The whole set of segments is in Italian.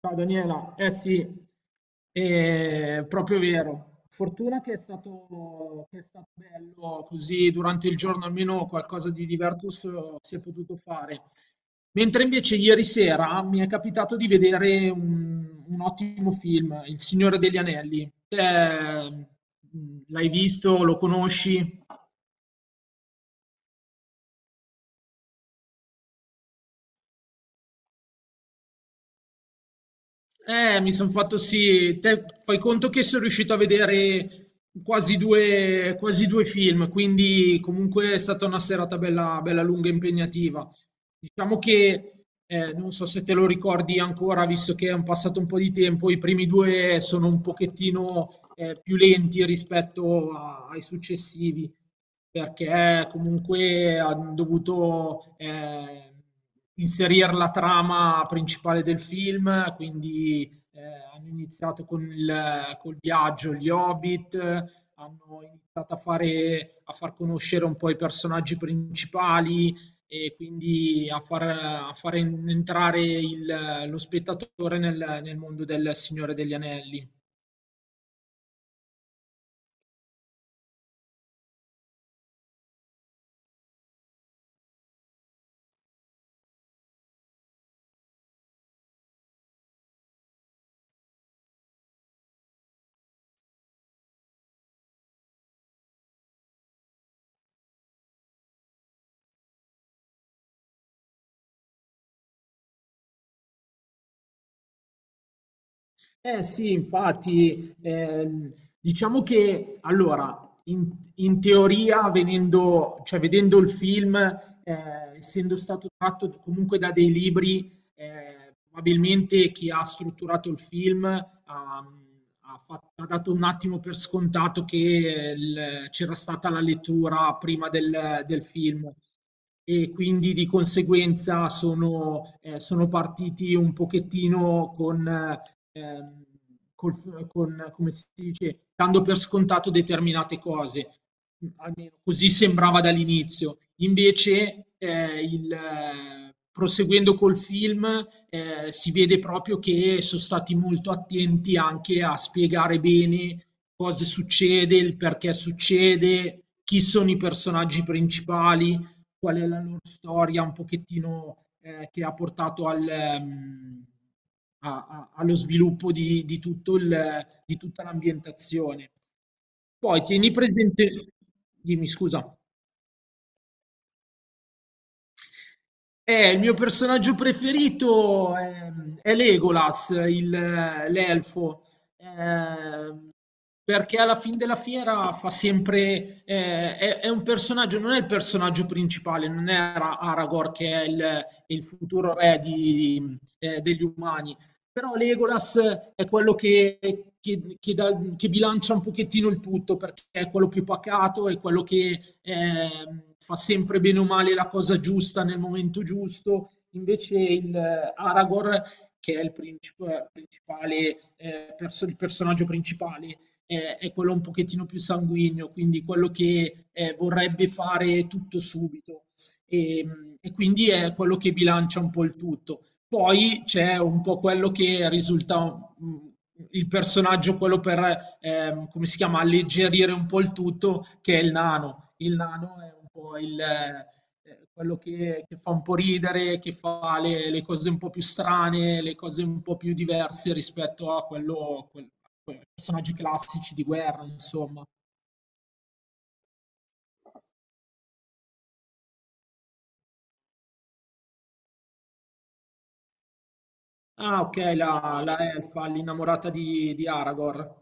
Ciao Daniela, eh sì, è proprio vero. Fortuna che è stato bello, così durante il giorno almeno qualcosa di diverso si è potuto fare. Mentre invece ieri sera mi è capitato di vedere un ottimo film, Il Signore degli Anelli. Te, l'hai visto, lo conosci? Mi sono fatto sì, te fai conto che sono riuscito a vedere quasi due film, quindi comunque è stata una serata bella, bella lunga e impegnativa. Diciamo che, non so se te lo ricordi ancora, visto che è un passato un po' di tempo, i primi due sono un pochettino, più lenti rispetto ai successivi perché comunque hanno dovuto inserire la trama principale del film, quindi eh, hanno iniziato con il col viaggio, gli Hobbit, hanno iniziato a far conoscere un po' i personaggi principali e quindi a far entrare lo spettatore nel mondo del Signore degli Anelli. Eh sì, infatti, diciamo che allora, in, in teoria, vedendo il film, essendo stato tratto comunque da dei libri, probabilmente chi ha strutturato il film ha ha dato un attimo per scontato che c'era stata la lettura prima del film e quindi di conseguenza sono partiti un pochettino con, ehm, con, come si dice, dando per scontato determinate cose. Almeno così sembrava dall'inizio. Invece, proseguendo col film, si vede proprio che sono stati molto attenti anche a spiegare bene cosa succede, il perché succede, chi sono i personaggi principali, qual è la loro storia un pochettino che ha portato al, allo sviluppo di tutto di tutta l'ambientazione. Poi tieni presente, dimmi scusa. Il mio personaggio preferito è Legolas, l'elfo. Eh, perché alla fin della fiera fa sempre è un personaggio, non è il personaggio principale, non è Aragorn che è il futuro re degli umani, però Legolas è quello che, che bilancia un pochettino il tutto perché è quello più pacato, è quello che fa sempre bene o male la cosa giusta nel momento giusto, invece il Aragorn che è il principale, il personaggio principale, è quello un pochettino più sanguigno, quindi quello che vorrebbe fare tutto subito e, e quindi è quello che bilancia un po' il tutto. Poi c'è un po' quello che risulta il personaggio, quello per, come si chiama, alleggerire un po' il tutto, che è il nano. Il nano è un po' il quello che fa un po' ridere, che fa le cose un po' più strane, le cose un po' più diverse rispetto a quei personaggi classici di guerra, insomma. Ah, ok, la elfa, l'innamorata di Aragorn,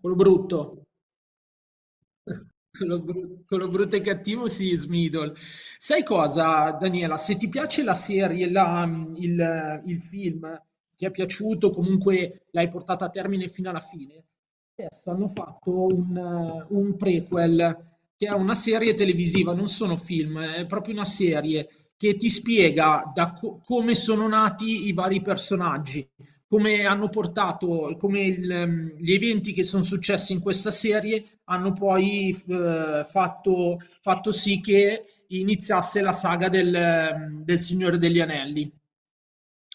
quello brutto. Con lo brutto e cattivo si Smeagol. Sai cosa, Daniela? Se ti piace la serie, il film, ti è piaciuto, comunque l'hai portata a termine fino alla fine, adesso hanno fatto un prequel, che è una serie televisiva, non sono film, è proprio una serie che ti spiega come sono nati i vari personaggi, come hanno portato, come gli eventi che sono successi in questa serie hanno poi fatto sì che iniziasse la saga del Signore degli Anelli.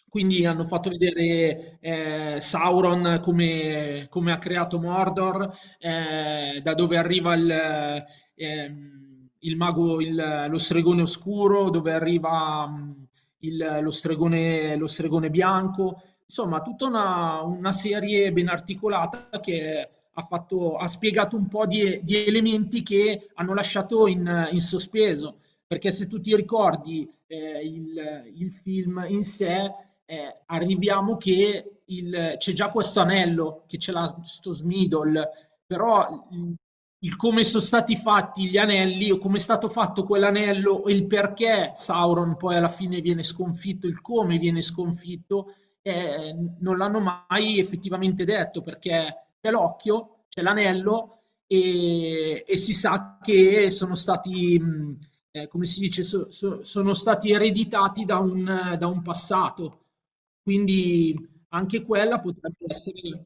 Quindi hanno fatto vedere Sauron come ha creato Mordor, da dove arriva il mago, lo stregone oscuro, dove arriva lo stregone bianco. Insomma, tutta una serie ben articolata che ha ha spiegato un po' di elementi che hanno lasciato in sospeso. Perché se tu ti ricordi il film in sé, arriviamo che c'è già questo anello, che ce l'ha sto Smidol, però il come sono stati fatti gli anelli o come è stato fatto quell'anello e il perché Sauron poi alla fine viene sconfitto, il come viene sconfitto, non l'hanno mai effettivamente detto perché c'è l'occhio, c'è l'anello e si sa che sono stati come si dice, sono stati ereditati da un passato. Quindi anche quella potrebbe essere.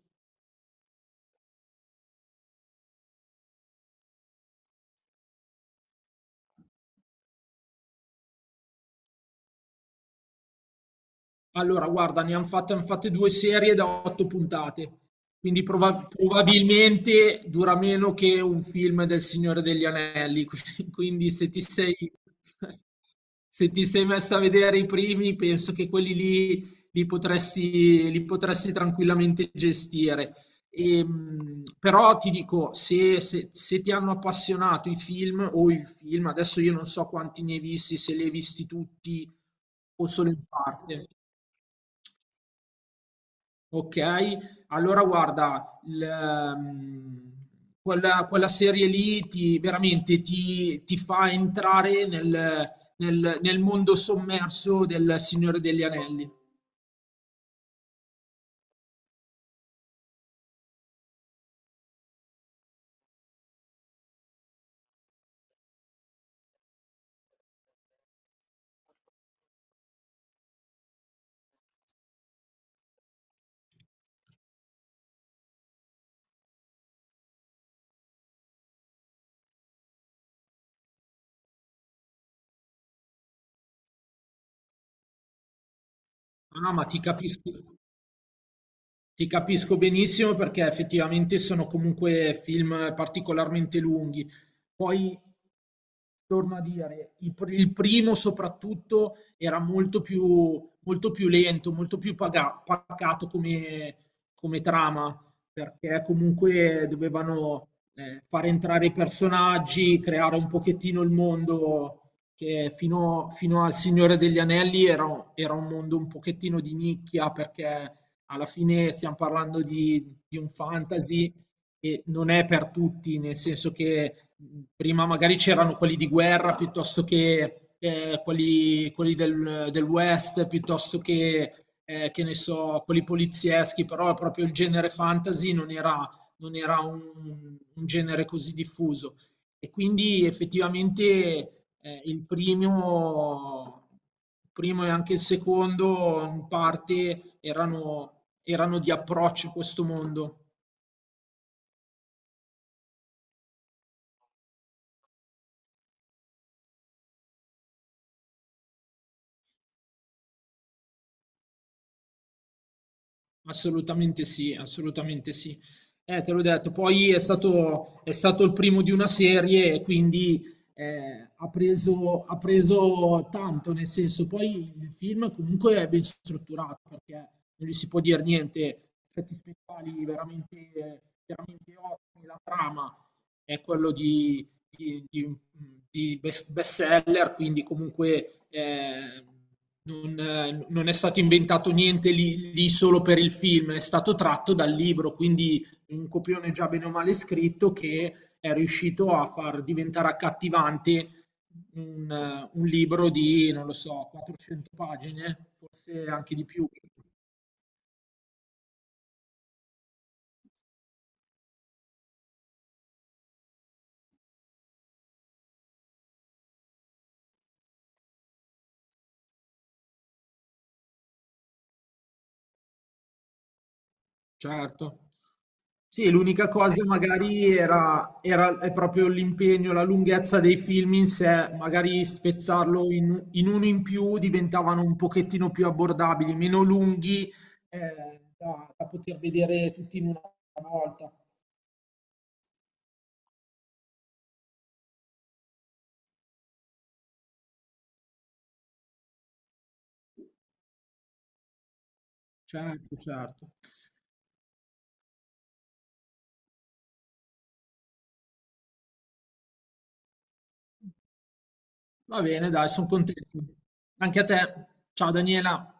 Allora, guarda, ne han fatte 2 serie da 8 puntate, quindi probabilmente dura meno che un film del Signore degli Anelli, qui quindi se ti sei messa a vedere i primi, penso che quelli lì li potresti tranquillamente gestire. Però ti dico, se ti hanno appassionato i film o il film, adesso io non so quanti ne hai visti, se li hai visti tutti o solo in parte. Ok, allora guarda, quella serie lì veramente ti, ti fa entrare nel mondo sommerso del Signore degli Anelli. No, no, ma ti capisco. Ti capisco benissimo perché effettivamente sono comunque film particolarmente lunghi. Poi, torno a dire, il primo soprattutto era molto più lento, molto più pacato come, come trama, perché comunque dovevano far entrare i personaggi, creare un pochettino il mondo che fino al Signore degli Anelli era un mondo un pochettino di nicchia perché alla fine stiamo parlando di un fantasy e non è per tutti, nel senso che prima magari c'erano quelli di guerra piuttosto che quelli del West, piuttosto che ne so, quelli polizieschi, però proprio il genere fantasy non era, non era un genere così diffuso e quindi effettivamente il primo e anche il secondo in parte erano di approccio a questo mondo. Assolutamente sì, assolutamente sì. Te l'ho detto, poi è stato il primo di una serie e quindi ha preso tanto, nel senso, poi il film comunque è ben strutturato perché non gli si può dire niente, effetti speciali veramente, veramente ottimi, la trama è quello di, di, di bestseller, quindi comunque non, non, è stato inventato niente lì, solo per il film, è stato tratto dal libro, quindi un copione già bene o male scritto che è riuscito a far diventare accattivante un libro di, non lo so, 400 pagine, forse anche di più, certo. Sì, l'unica cosa magari è proprio l'impegno, la lunghezza dei film in sé, magari spezzarlo in uno in più diventavano un pochettino più abbordabili, meno lunghi da poter vedere tutti in una volta. Certo, certo. Va bene, dai, sono contento. Anche a te. Ciao Daniela.